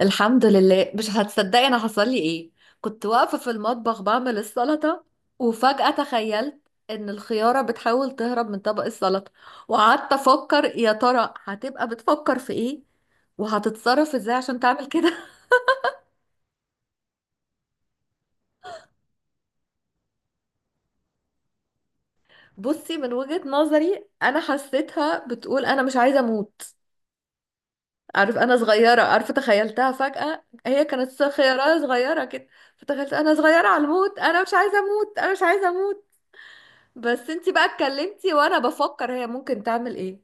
الحمد لله، مش هتصدقي انا حصل لي ايه. كنت واقفه في المطبخ بعمل السلطه، وفجاه تخيلت ان الخياره بتحاول تهرب من طبق السلطه. وقعدت افكر يا ترى هتبقى بتفكر في ايه، وهتتصرف ازاي عشان تعمل كده. بصي، من وجهه نظري انا حسيتها بتقول انا مش عايزه اموت. عارف انا صغيره، عارفه تخيلتها فجاه هي كانت خياره صغيره كده. فتخيلت انا صغيره على الموت، انا مش عايزه اموت انا مش عايزه اموت. بس انتي بقى اتكلمتي وانا بفكر هي ممكن تعمل ايه.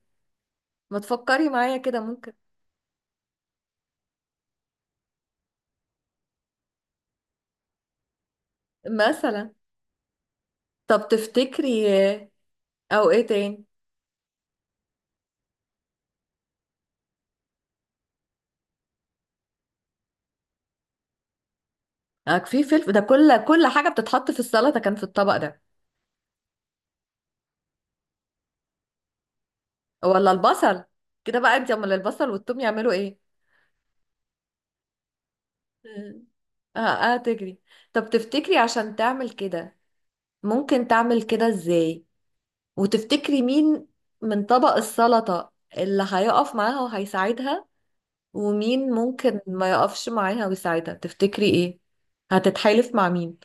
ما تفكري معايا كده ممكن. مثلا. طب تفتكري او ايه تاني. اه في فلفل، ده كل حاجة بتتحط في السلطة كان في الطبق ده. ولا البصل. كده بقى انتي، امال البصل والثوم يعملوا ايه؟ مم. اه، اه، تجري. طب تفتكري عشان تعمل كده ممكن تعمل كده ازاي؟ وتفتكري مين من طبق السلطة اللي هيقف معاها وهيساعدها، ومين ممكن ما يقفش معاها ويساعدها تفتكري ايه؟ هتتحالف مع مين؟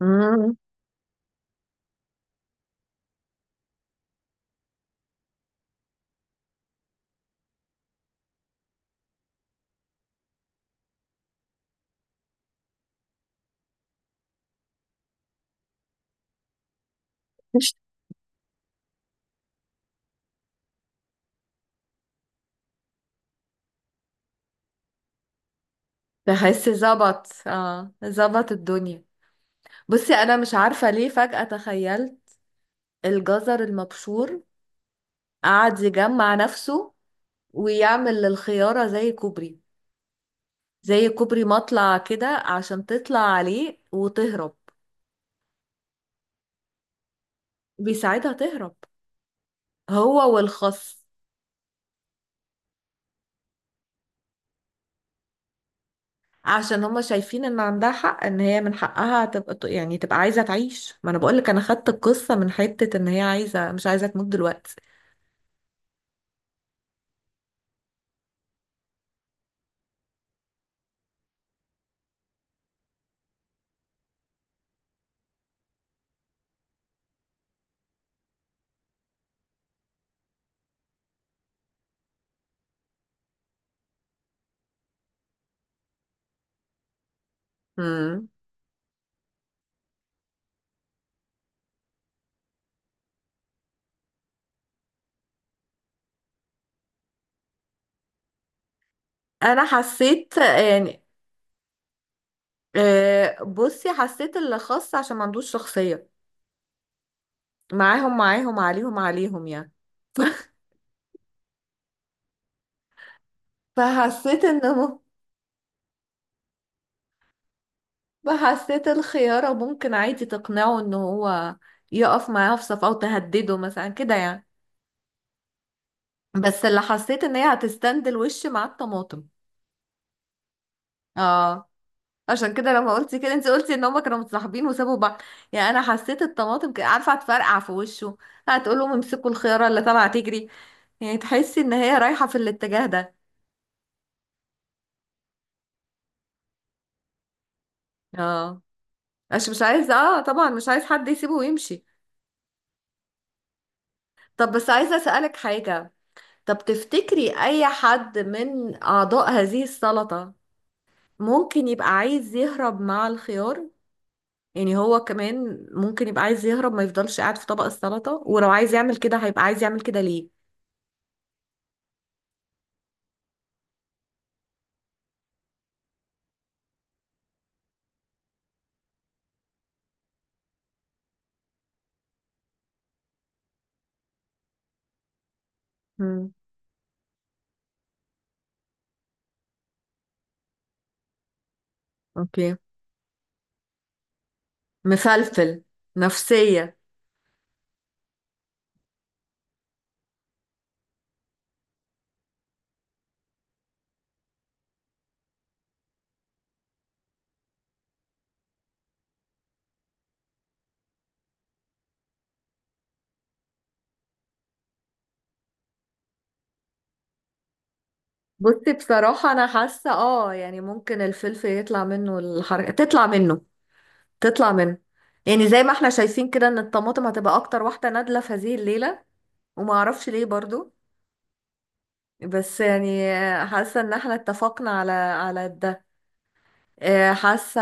مم. بحس ظبط، اه ظبط الدنيا. بصي انا مش عارفه ليه فجأة تخيلت الجزر المبشور قعد يجمع نفسه ويعمل للخياره زي كوبري، زي كوبري مطلع كده عشان تطلع عليه وتهرب. بيساعدها تهرب هو والخس، عشان هما شايفين ان عندها حق، ان هي من حقها تبقى، يعني تبقى عايزة تعيش. ما انا بقولك انا خدت القصة من حتة ان هي عايزة مش عايزة تموت دلوقتي. مم. انا حسيت يعني، بصي حسيت اللي خاص عشان ما عندوش شخصية معاهم عليهم يعني. فحسيت انه، فحسيت الخيارة ممكن عادي تقنعه ان هو يقف معاها في صف، او تهدده مثلا كده يعني. بس اللي حسيت ان هي هتستند الوش مع الطماطم. اه. عشان كده لما قلتي كده انت قلتي ان هما كانوا متصاحبين وسابوا بعض. يعني انا حسيت الطماطم عارفه هتفرقع في وشه، هتقول لهم امسكوا الخياره اللي طالعه تجري. يعني تحسي ان هي رايحه في الاتجاه ده. اه، عشان مش عايز، اه طبعا مش عايز حد يسيبه ويمشي. طب بس عايزه اسالك حاجه. طب تفتكري اي حد من اعضاء هذه السلطه ممكن يبقى عايز يهرب مع الخيار؟ يعني هو كمان ممكن يبقى عايز يهرب، ما يفضلش قاعد في طبق السلطه، ولو عايز يعمل كده هيبقى عايز يعمل كده ليه؟ اوكي. مفلفل نفسية. بصي بصراحة أنا حاسة اه يعني ممكن الفلفل يطلع منه الحركة، تطلع منه تطلع منه. يعني زي ما احنا شايفين كده ان الطماطم هتبقى أكتر واحدة نادلة في هذه الليلة، وما أعرفش ليه برضو. بس يعني حاسة ان احنا اتفقنا على ده، حاسة.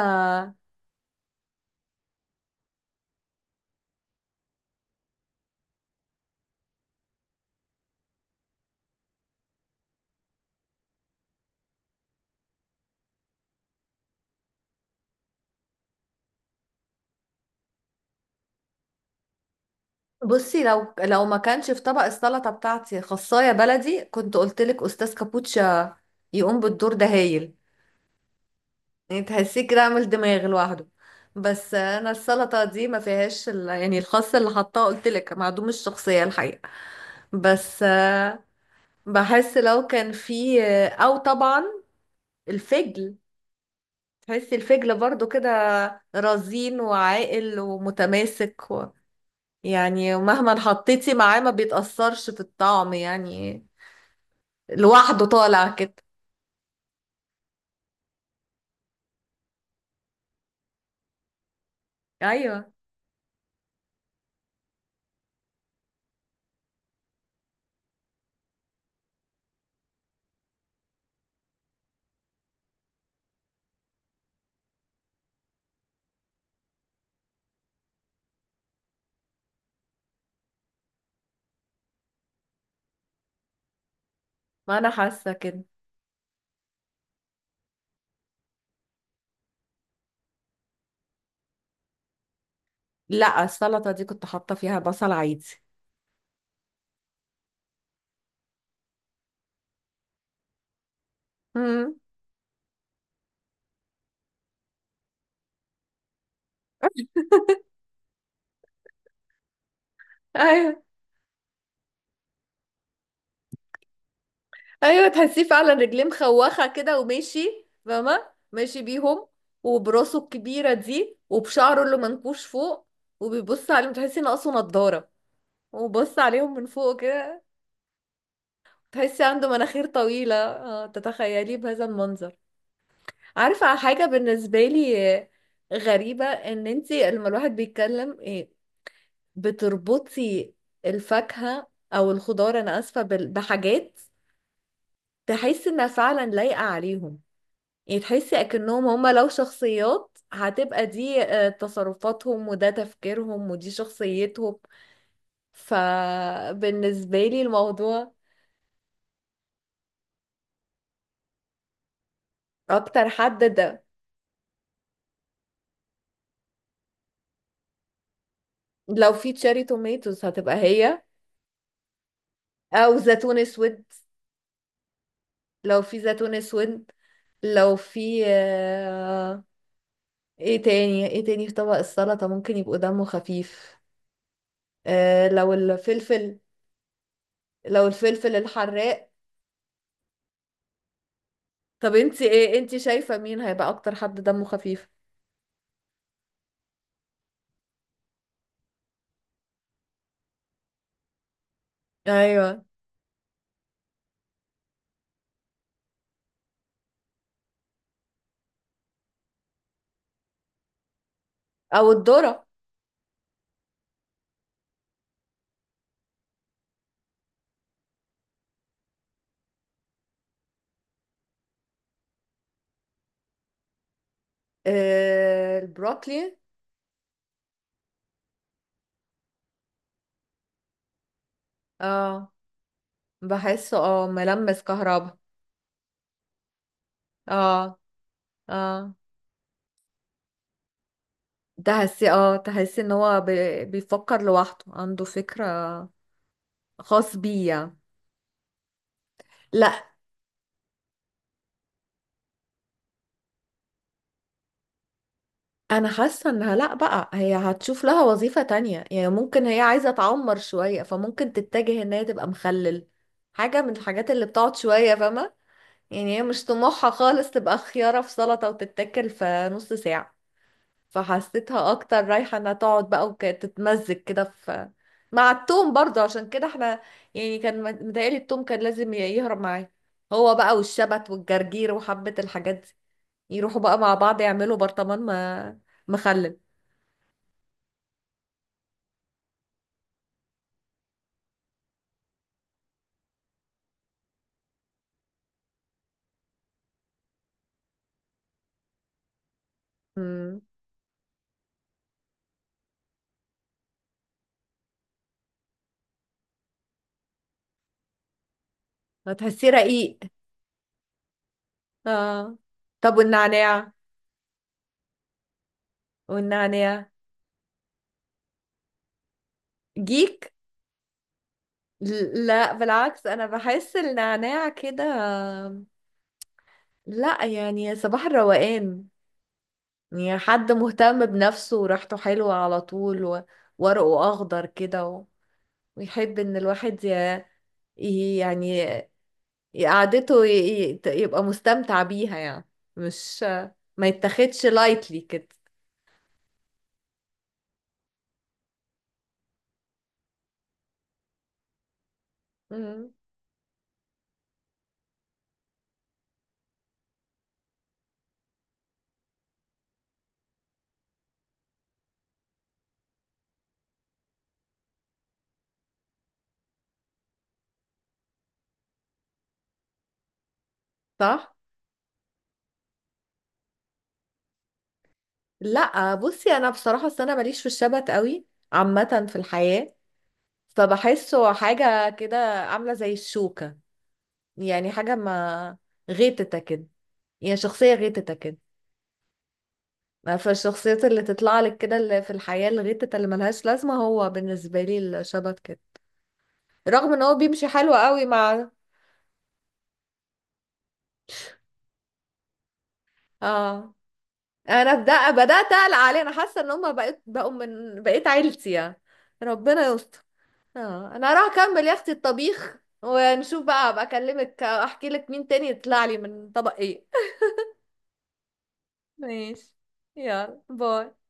بصي لو ما كانش في طبق السلطة بتاعتي خصاية بلدي كنت قلتلك أستاذ كابوتشا يقوم بالدور ده هايل. يعني تحسيه كده عامل دماغ لوحده. بس انا السلطه دي ما فيهاش يعني الخس اللي حطاه قلت لك معدوم الشخصيه الحقيقه. بس بحس لو كان فيه، او طبعا الفجل. تحسي الفجل برضو كده رزين وعاقل ومتماسك. و... يعني مهما حطيتي معاه ما بيتأثرش في الطعم يعني، لوحده طالع كده. ايوه، ما انا حاسه كده. لا السلطه دي كنت حاطه فيها بصل عادي. امم ايوه، ايوه، تحسيه فعلا رجليه مخوخه كده وماشي فاهمه ماشي بيهم، وبراسه الكبيره دي وبشعره اللي منكوش فوق، وبيبص عليهم تحسي ناقصه نضاره وبص عليهم من فوق كده. تحسي عنده مناخير طويله، تتخيليه بهذا المنظر. عارفه حاجه بالنسبه لي، غريبه ان انتي لما الواحد بيتكلم بتربطي الفاكهه او الخضار، انا اسفه، بحاجات تحس انها فعلا لايقه عليهم. يعني تحسي اكنهم هما لو شخصيات هتبقى دي تصرفاتهم وده تفكيرهم ودي شخصيتهم. فبالنسبة لي الموضوع. اكتر حد ده. لو في تشيري توميتوز هتبقى هي، او زيتون اسود. لو في زيتون اسود. لو في ايه تاني في طبق السلطة ممكن يبقوا دمه خفيف، لو الفلفل، لو الفلفل الحراق. طب انتي ايه؟ انتي شايفة مين هيبقى اكتر حد دمه خفيف؟ ايوه. او الذرة. آه البروكلي. اه بحسه ملمس كهرباء. اه، اه. تحسي ان هو بيفكر لوحده عنده فكرة خاص بيه يعني. لا، انا حاسة انها، لا بقى هي هتشوف لها وظيفة تانية. يعني ممكن هي عايزة تعمر شوية، فممكن تتجه ان هي تبقى مخلل، حاجة من الحاجات اللي بتقعد شوية فاهمة. يعني هي مش طموحها خالص تبقى خيارة في سلطة وتتاكل في نص ساعة. فحسيتها اكتر رايحة انها تقعد بقى، وكانت تتمزج كده في مع التوم برضه. عشان كده احنا يعني كان متهيألي التوم كان لازم يهرب معاه هو بقى والشبت والجرجير وحبة الحاجات دي، يروحوا بقى مع بعض يعملوا برطمان ما، مخلل. امم هتحسيه رقيق، اه. طب والنعناع، والنعناع جيك؟ لا بالعكس انا بحس النعناع كده، لا يعني صباح الروقان. يعني حد مهتم بنفسه وريحته حلوة على طول، و- وورقه أخضر كده، و- ويحب إن الواحد يعني قعدته يبقى مستمتع بيها يعني. مش ما يتاخدش لايتلي كده. مم. صح؟ لا، بصي أنا بصراحة أصل أنا ماليش في الشبت قوي عامة في الحياة. فبحسه حاجة كده عاملة زي الشوكة، يعني حاجة ما غيتتك كده، يعني شخصية غيتتك كده. فالشخصيات اللي تطلع لك كده اللي في الحياة الغتة اللي ملهاش لازمة هو بالنسبة لي الشبت كده، رغم ان هو بيمشي حلو قوي مع. اه انا بدأت اقلق عليه، انا حاسة ان هما بقوا من عيلتي يعني. ربنا يستر. اه انا هروح اكمل يا اختي الطبيخ، ونشوف بقى ابقى اكلمك احكي لك مين تاني يطلع لي من طبق ايه. ماشي. يلا باي.